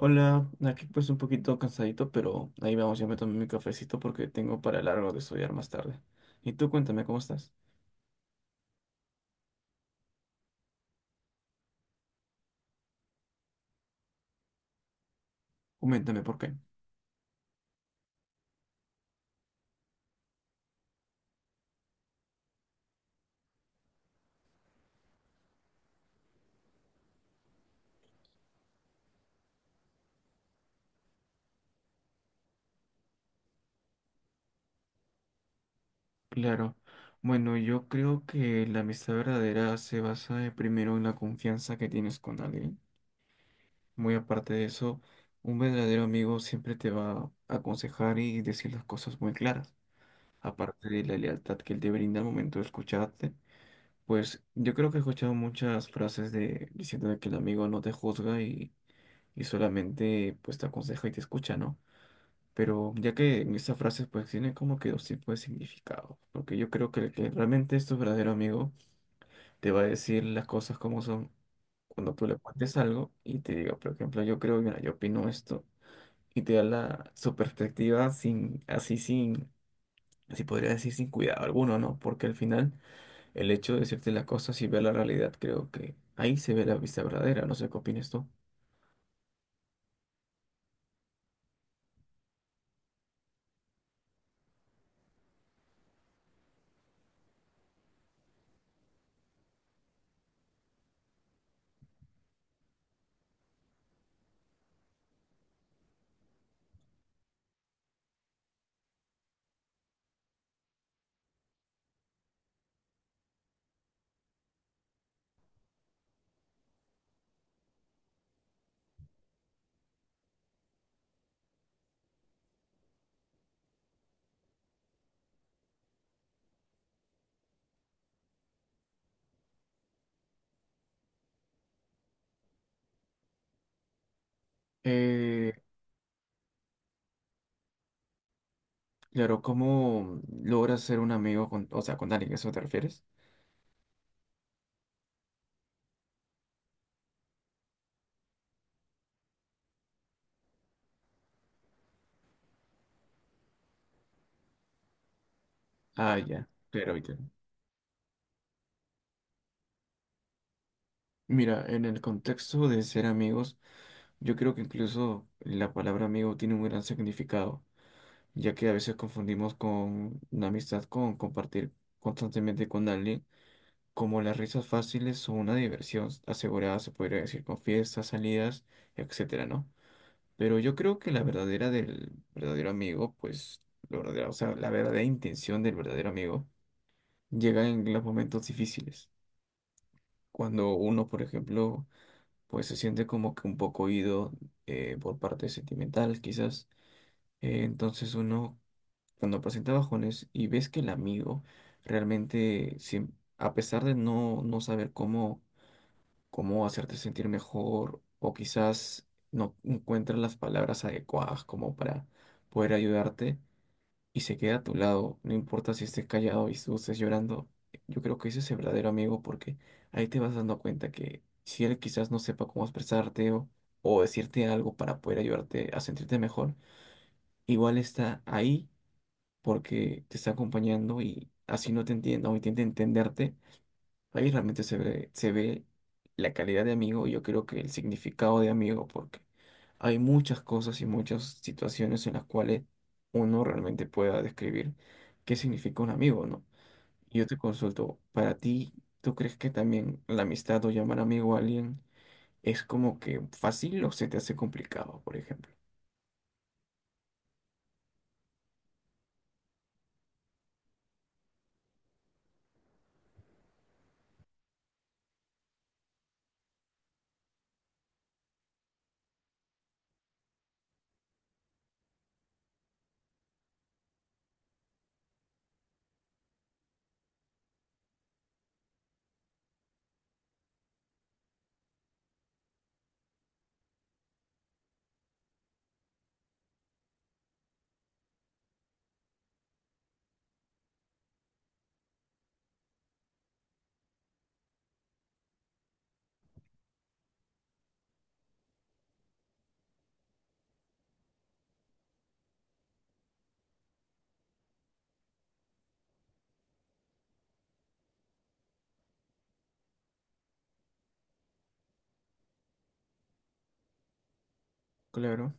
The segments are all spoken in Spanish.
Hola, aquí pues un poquito cansadito, pero ahí vamos, yo me tomé mi cafecito porque tengo para largo de estudiar más tarde. Y tú cuéntame cómo estás. Coméntame por qué. Claro. Bueno, yo creo que la amistad verdadera se basa primero en la confianza que tienes con alguien. Muy aparte de eso, un verdadero amigo siempre te va a aconsejar y decir las cosas muy claras. Aparte de la lealtad que él te brinda al momento de escucharte, pues yo creo que he escuchado muchas frases de diciendo de que el amigo no te juzga y solamente pues te aconseja y te escucha, ¿no? Pero ya que esa frase pues tiene como que dos tipos de significado, porque yo creo que el que realmente es tu verdadero amigo te va a decir las cosas como son cuando tú le cuentes algo y te diga, por ejemplo, yo creo, mira, yo opino esto y te da la, su perspectiva sin, así sin, así podría decir sin cuidado alguno, ¿no? Porque al final el hecho de decirte las cosas y ver la realidad creo que ahí se ve la vista verdadera, no sé qué opinas tú. Claro, ¿cómo logras ser un amigo con, o sea, con alguien? ¿A ¿Eso te refieres? Ah, ya, claro, entiendo. Mira, en el contexto de ser amigos, yo creo que incluso la palabra amigo tiene un gran significado, ya que a veces confundimos con una amistad con compartir constantemente con alguien, como las risas fáciles o una diversión asegurada, se podría decir, con fiestas, salidas, etcétera, ¿no? Pero yo creo que la verdadera del verdadero amigo, pues, lo verdadero, o sea, la verdadera intención del verdadero amigo llega en los momentos difíciles. Cuando uno, por ejemplo, pues se siente como que un poco oído por parte sentimental, quizás. Entonces uno, cuando presenta bajones y ves que el amigo realmente, a pesar de no saber cómo, cómo hacerte sentir mejor, o quizás no encuentra las palabras adecuadas como para poder ayudarte, y se queda a tu lado, no importa si estés callado y tú estés llorando, yo creo que ese es el verdadero amigo porque ahí te vas dando cuenta que si él quizás no sepa cómo expresarte o decirte algo para poder ayudarte a sentirte mejor, igual está ahí porque te está acompañando y así no te entienda o intenta entenderte, ahí realmente se ve la calidad de amigo y yo creo que el significado de amigo, porque hay muchas cosas y muchas situaciones en las cuales uno realmente pueda describir qué significa un amigo, ¿no? Yo te consulto, para ti, ¿tú crees que también la amistad o llamar amigo a alguien es como que fácil o se te hace complicado, por ejemplo? Claro,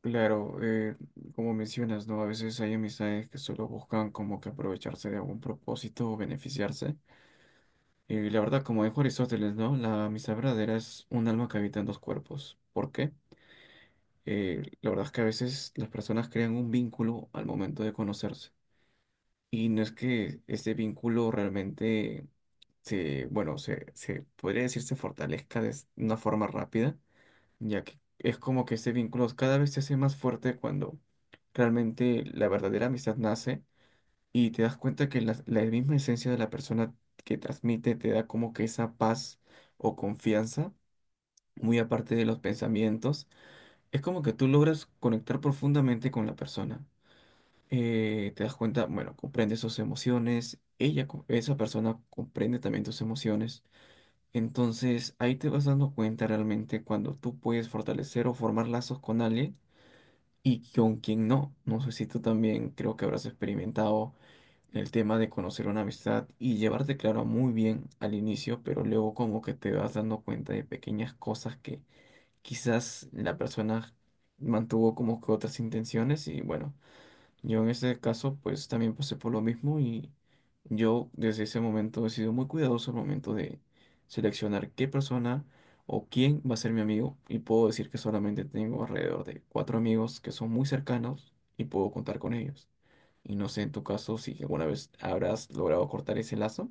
claro, como mencionas, ¿no? A veces hay amistades que solo buscan como que aprovecharse de algún propósito o beneficiarse. Y la verdad, como dijo Aristóteles, ¿no? La amistad verdadera es un alma que habita en dos cuerpos. ¿Por qué? La verdad es que a veces las personas crean un vínculo al momento de conocerse. Y no es que este vínculo realmente se podría decir se fortalezca de una forma rápida, ya que es como que este vínculo cada vez se hace más fuerte cuando realmente la verdadera amistad nace y te das cuenta que la, misma esencia de la persona que transmite te da como que esa paz o confianza, muy aparte de los pensamientos, es como que tú logras conectar profundamente con la persona. Te das cuenta, bueno, comprende sus emociones, ella, esa persona comprende también tus emociones. Entonces ahí te vas dando cuenta realmente cuando tú puedes fortalecer o formar lazos con alguien y con quien no. No sé si tú también creo que habrás experimentado el tema de conocer una amistad y llevarte, claro, muy bien al inicio, pero luego como que te vas dando cuenta de pequeñas cosas que quizás la persona mantuvo como que otras intenciones y bueno, yo en ese caso pues también pasé por lo mismo y yo desde ese momento he sido muy cuidadoso al momento de seleccionar qué persona o quién va a ser mi amigo y puedo decir que solamente tengo alrededor de cuatro amigos que son muy cercanos y puedo contar con ellos. Y no sé en tu caso si alguna vez habrás logrado cortar ese lazo.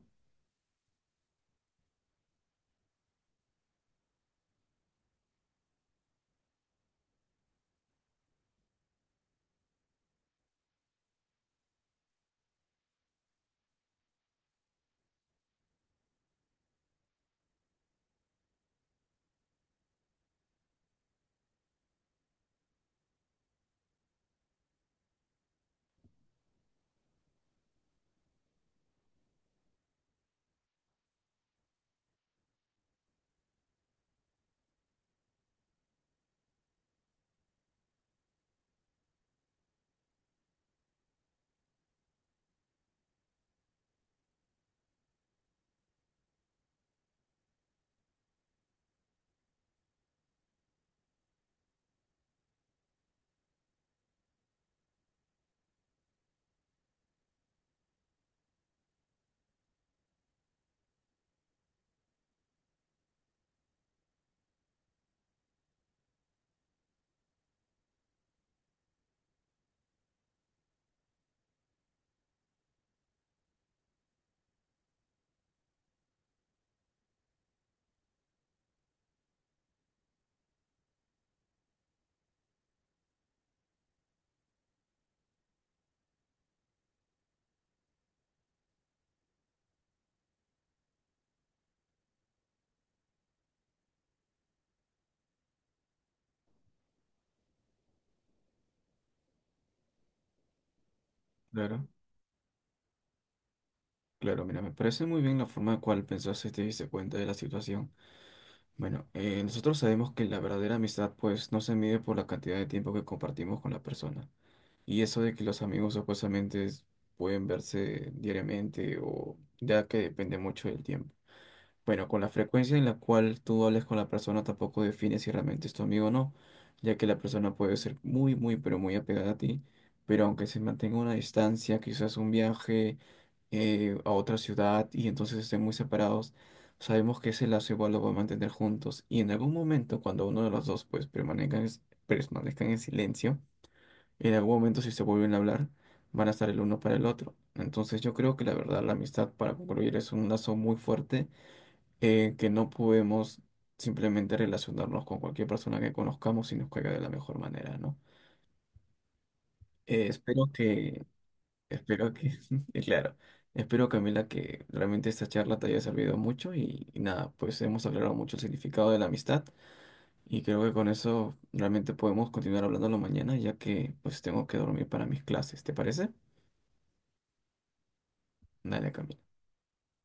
Claro, claro, mira, me parece muy bien la forma en cual pensaste y te diste cuenta de la situación. Bueno, nosotros sabemos que la verdadera amistad pues no se mide por la cantidad de tiempo que compartimos con la persona. Y eso de que los amigos supuestamente pueden verse diariamente o ya que depende mucho del tiempo. Bueno, con la frecuencia en la cual tú hables con la persona tampoco define si realmente es tu amigo o no, ya que la persona puede ser muy, muy, pero muy apegada a ti, pero aunque se mantenga una distancia, quizás un viaje a otra ciudad y entonces estén muy separados, sabemos que ese lazo igual lo va a mantener juntos y en algún momento cuando uno de los dos pues permanezcan en silencio, en algún momento si se vuelven a hablar, van a estar el uno para el otro. Entonces yo creo que la verdad la amistad para concluir es un lazo muy fuerte que no podemos simplemente relacionarnos con cualquier persona que conozcamos y nos caiga de la mejor manera, ¿no? Eh, espero que, espero que, y claro, espero Camila que realmente esta charla te haya servido mucho y nada, pues hemos aclarado mucho el significado de la amistad y creo que con eso realmente podemos continuar hablándolo mañana ya que pues tengo que dormir para mis clases, ¿te parece? Dale, Camila.